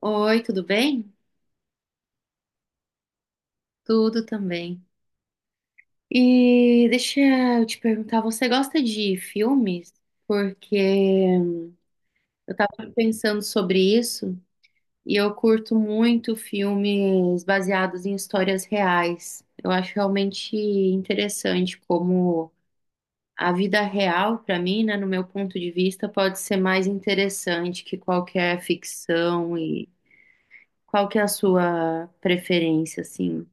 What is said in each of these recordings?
Oi, tudo bem? Tudo também. E deixa eu te perguntar, você gosta de filmes? Porque eu tava pensando sobre isso e eu curto muito filmes baseados em histórias reais. Eu acho realmente interessante como a vida real, para mim, né, no meu ponto de vista, pode ser mais interessante que qualquer ficção e qual que é a sua preferência, assim? O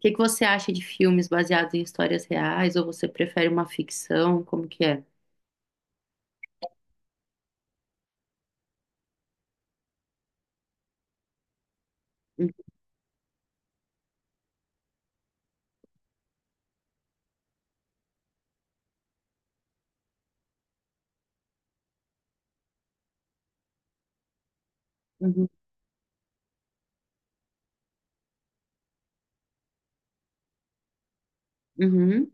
que que você acha de filmes baseados em histórias reais? Ou você prefere uma ficção? Como que é? Uhum. Uhum.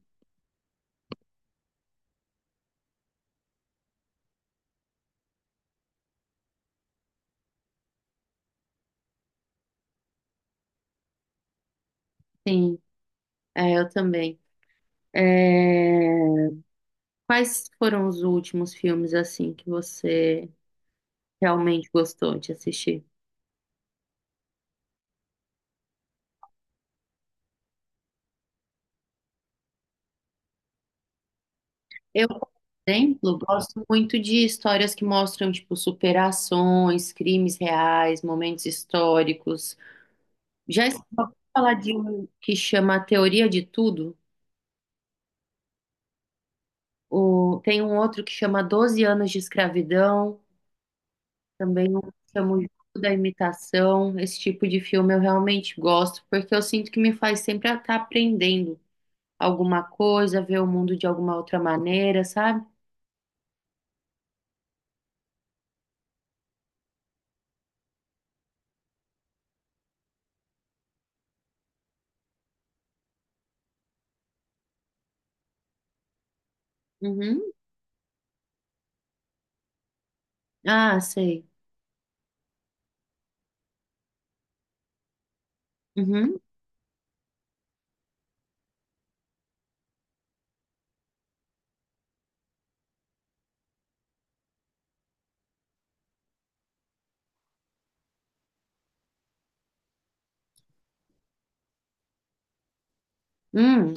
Sim, é, eu também. É, Quais foram os últimos filmes assim que você realmente gostou de assistir? Eu, por exemplo, gosto muito de histórias que mostram tipo superações, crimes reais, momentos históricos. Já estou a falar de um que chama A Teoria de Tudo. Tem um outro que chama 12 anos de escravidão. Também eu chamo Jogo da imitação. Esse tipo de filme eu realmente gosto, porque eu sinto que me faz sempre estar aprendendo alguma coisa, ver o mundo de alguma outra maneira, sabe? Uhum. Ah, sei. Uhum. Hum,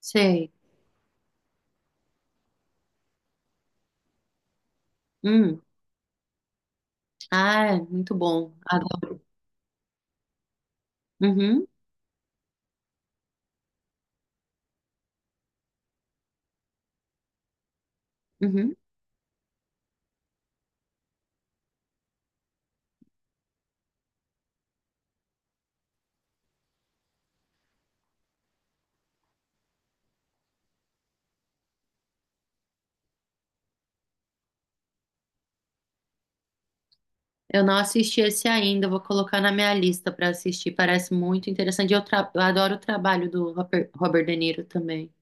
sei. Hum. Ah, é muito bom. Adoro. Uhum. Uhum. Eu não assisti esse ainda, vou colocar na minha lista para assistir. Parece muito interessante. Eu adoro o trabalho do Robert De Niro também.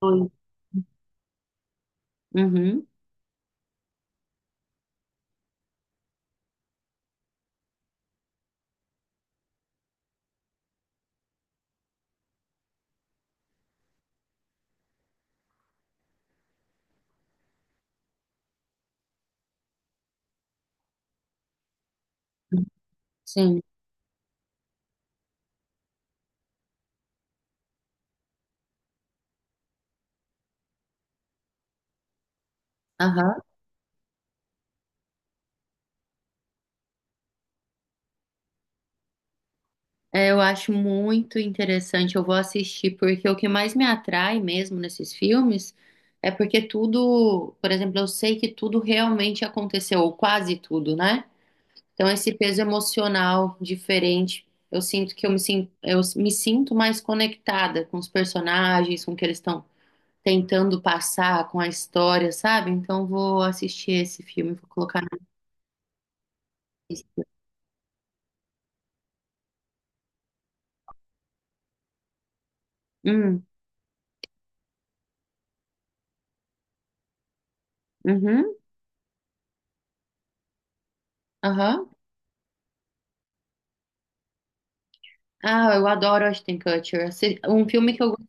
Oi. Uhum. Sim. Aham. É, eu acho muito interessante, eu vou assistir, porque o que mais me atrai mesmo nesses filmes é porque tudo, por exemplo, eu sei que tudo realmente aconteceu, ou quase tudo, né? Então esse peso emocional diferente, eu sinto que eu me sinto mais conectada com os personagens, com o que eles estão tentando passar, com a história, sabe? Então eu vou assistir esse filme, vou colocar na lista. Hum, uhum, aham. Ah, eu adoro Ashton Kutcher. Um filme que eu gosto.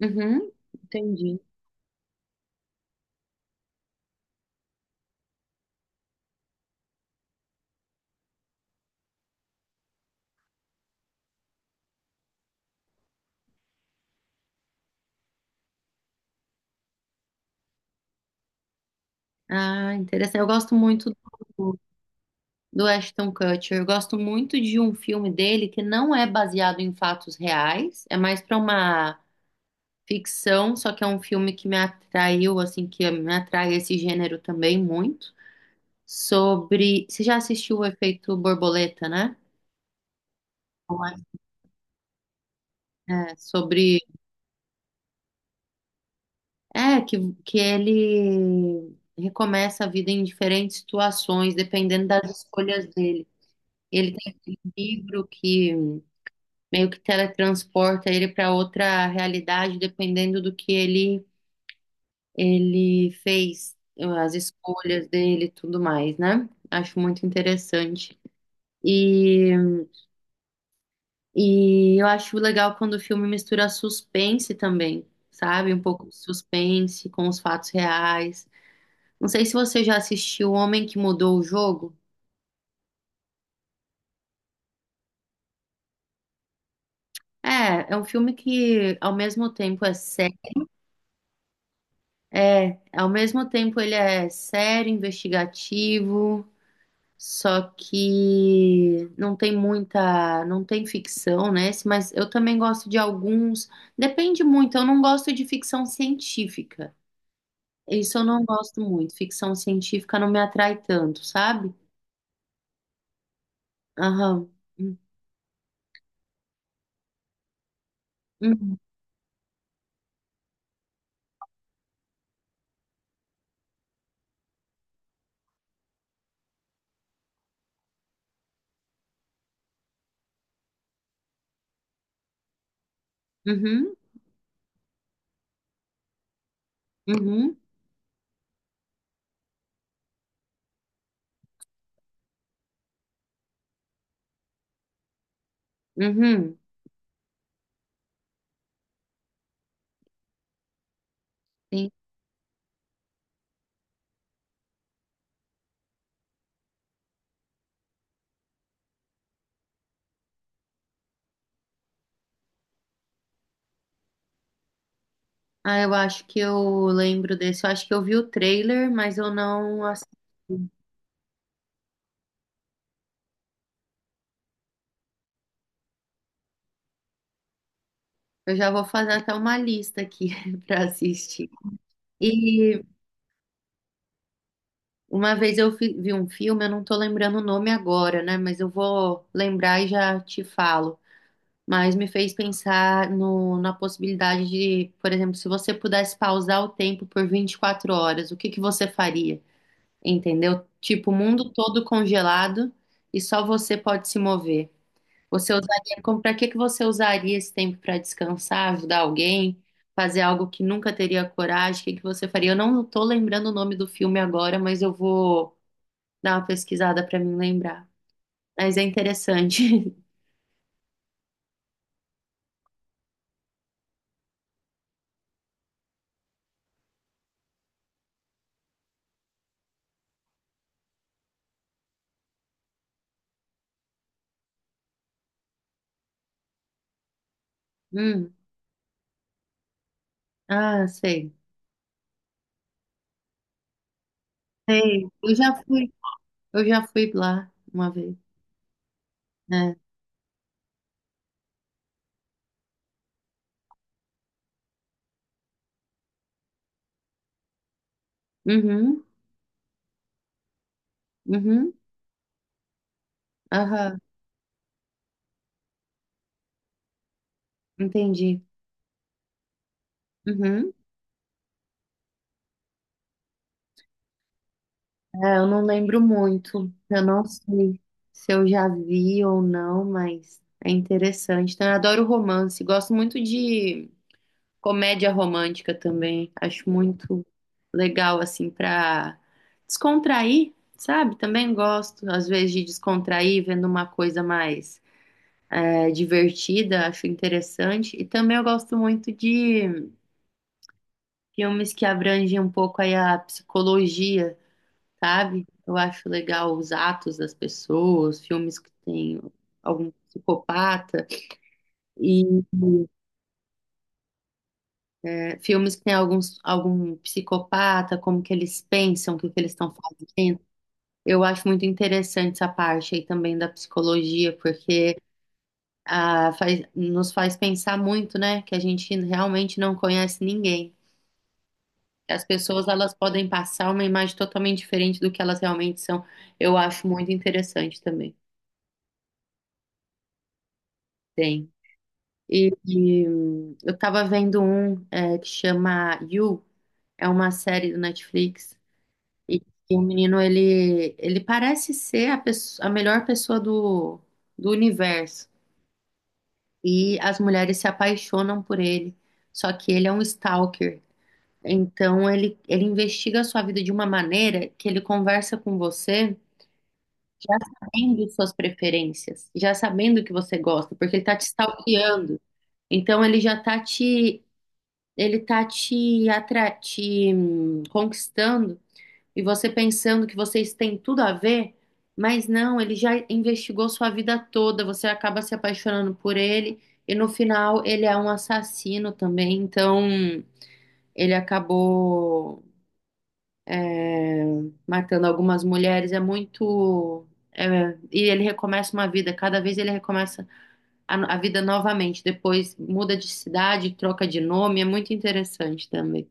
Uhum, entendi. Ah, interessante. Eu gosto muito do, do Ashton Kutcher. Eu gosto muito de um filme dele que não é baseado em fatos reais, é mais para uma ficção, só que é um filme que me atraiu, assim, que me atrai esse gênero também muito. Sobre. Você já assistiu o Efeito Borboleta, né? Não é? É, sobre. É, que, que ele recomeça a vida em diferentes situações, dependendo das escolhas dele. Ele tem aquele livro que meio que teletransporta ele para outra realidade, dependendo do que ele fez, as escolhas dele, e tudo mais, né? Acho muito interessante. E, e eu acho legal quando o filme mistura suspense também, sabe? Um pouco de suspense com os fatos reais. Não sei se você já assistiu O Homem que Mudou o Jogo. É, é um filme que ao mesmo tempo é sério. É, ao mesmo tempo ele é sério, investigativo, só que não tem ficção, né? Esse- Mas eu também gosto de alguns, depende muito, eu não gosto de ficção científica. Isso eu não gosto muito, ficção científica não me atrai tanto, sabe? Aham. Uhum, uhum, uhum, uhum. Sim. Ah, eu acho que eu lembro desse, eu acho que eu vi o trailer, mas eu não assisti. Eu já vou fazer até uma lista aqui para assistir. E uma vez vi um filme, eu não tô lembrando o nome agora, né? Mas eu vou lembrar e já te falo. Mas me fez pensar na possibilidade de, por exemplo, se você pudesse pausar o tempo por 24 horas, o que que você faria? Entendeu? Tipo, o mundo todo congelado e só você pode se mover. Você usaria, como, para que que você usaria esse tempo para descansar, ajudar alguém, fazer algo que nunca teria coragem? O que que você faria? Eu não tô lembrando o nome do filme agora, mas eu vou dar uma pesquisada para me lembrar. Mas é interessante. Hum, ah, sei. Sei. Eu já fui lá uma vez, né? Uhum, uhum, aham, entendi. Uhum. É, eu não lembro muito. Eu não sei se eu já vi ou não, mas é interessante. Então, eu adoro romance. Gosto muito de comédia romântica também. Acho muito legal, assim, pra descontrair, sabe? Também gosto, às vezes, de descontrair vendo uma coisa mais divertida. Acho interessante. E também eu gosto muito de filmes que abrangem um pouco aí a psicologia. Sabe? Eu acho legal os atos das pessoas, filmes que tem algum psicopata e filmes que tem algum psicopata, como que eles pensam, o que que eles estão fazendo. Eu acho muito interessante essa parte aí também da psicologia, porque ah, nos faz pensar muito, né? Que a gente realmente não conhece ninguém. As pessoas, elas podem passar uma imagem totalmente diferente do que elas realmente são. Eu acho muito interessante também. Tem. Eu tava vendo um que chama You, é uma série do Netflix. E, e o menino, ele parece ser a melhor pessoa do universo. E as mulheres se apaixonam por ele. Só que ele é um stalker. Então ele investiga a sua vida de uma maneira que ele conversa com você já sabendo suas preferências, já sabendo o que você gosta, porque ele tá te stalkeando. Então ele tá te, atra te conquistando e você pensando que vocês têm tudo a ver, mas não, ele já investigou sua vida toda, você acaba se apaixonando por ele e no final ele é um assassino também, então ele acabou é, matando algumas mulheres, é muito. É, e ele recomeça uma vida, cada vez ele recomeça a vida novamente, depois muda de cidade, troca de nome, é muito interessante também.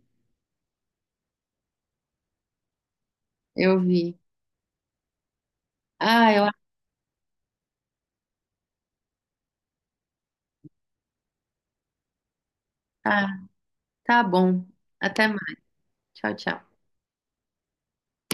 Eu vi. Ah, eu... Ah, tá bom. Até mais. Tchau, tchau.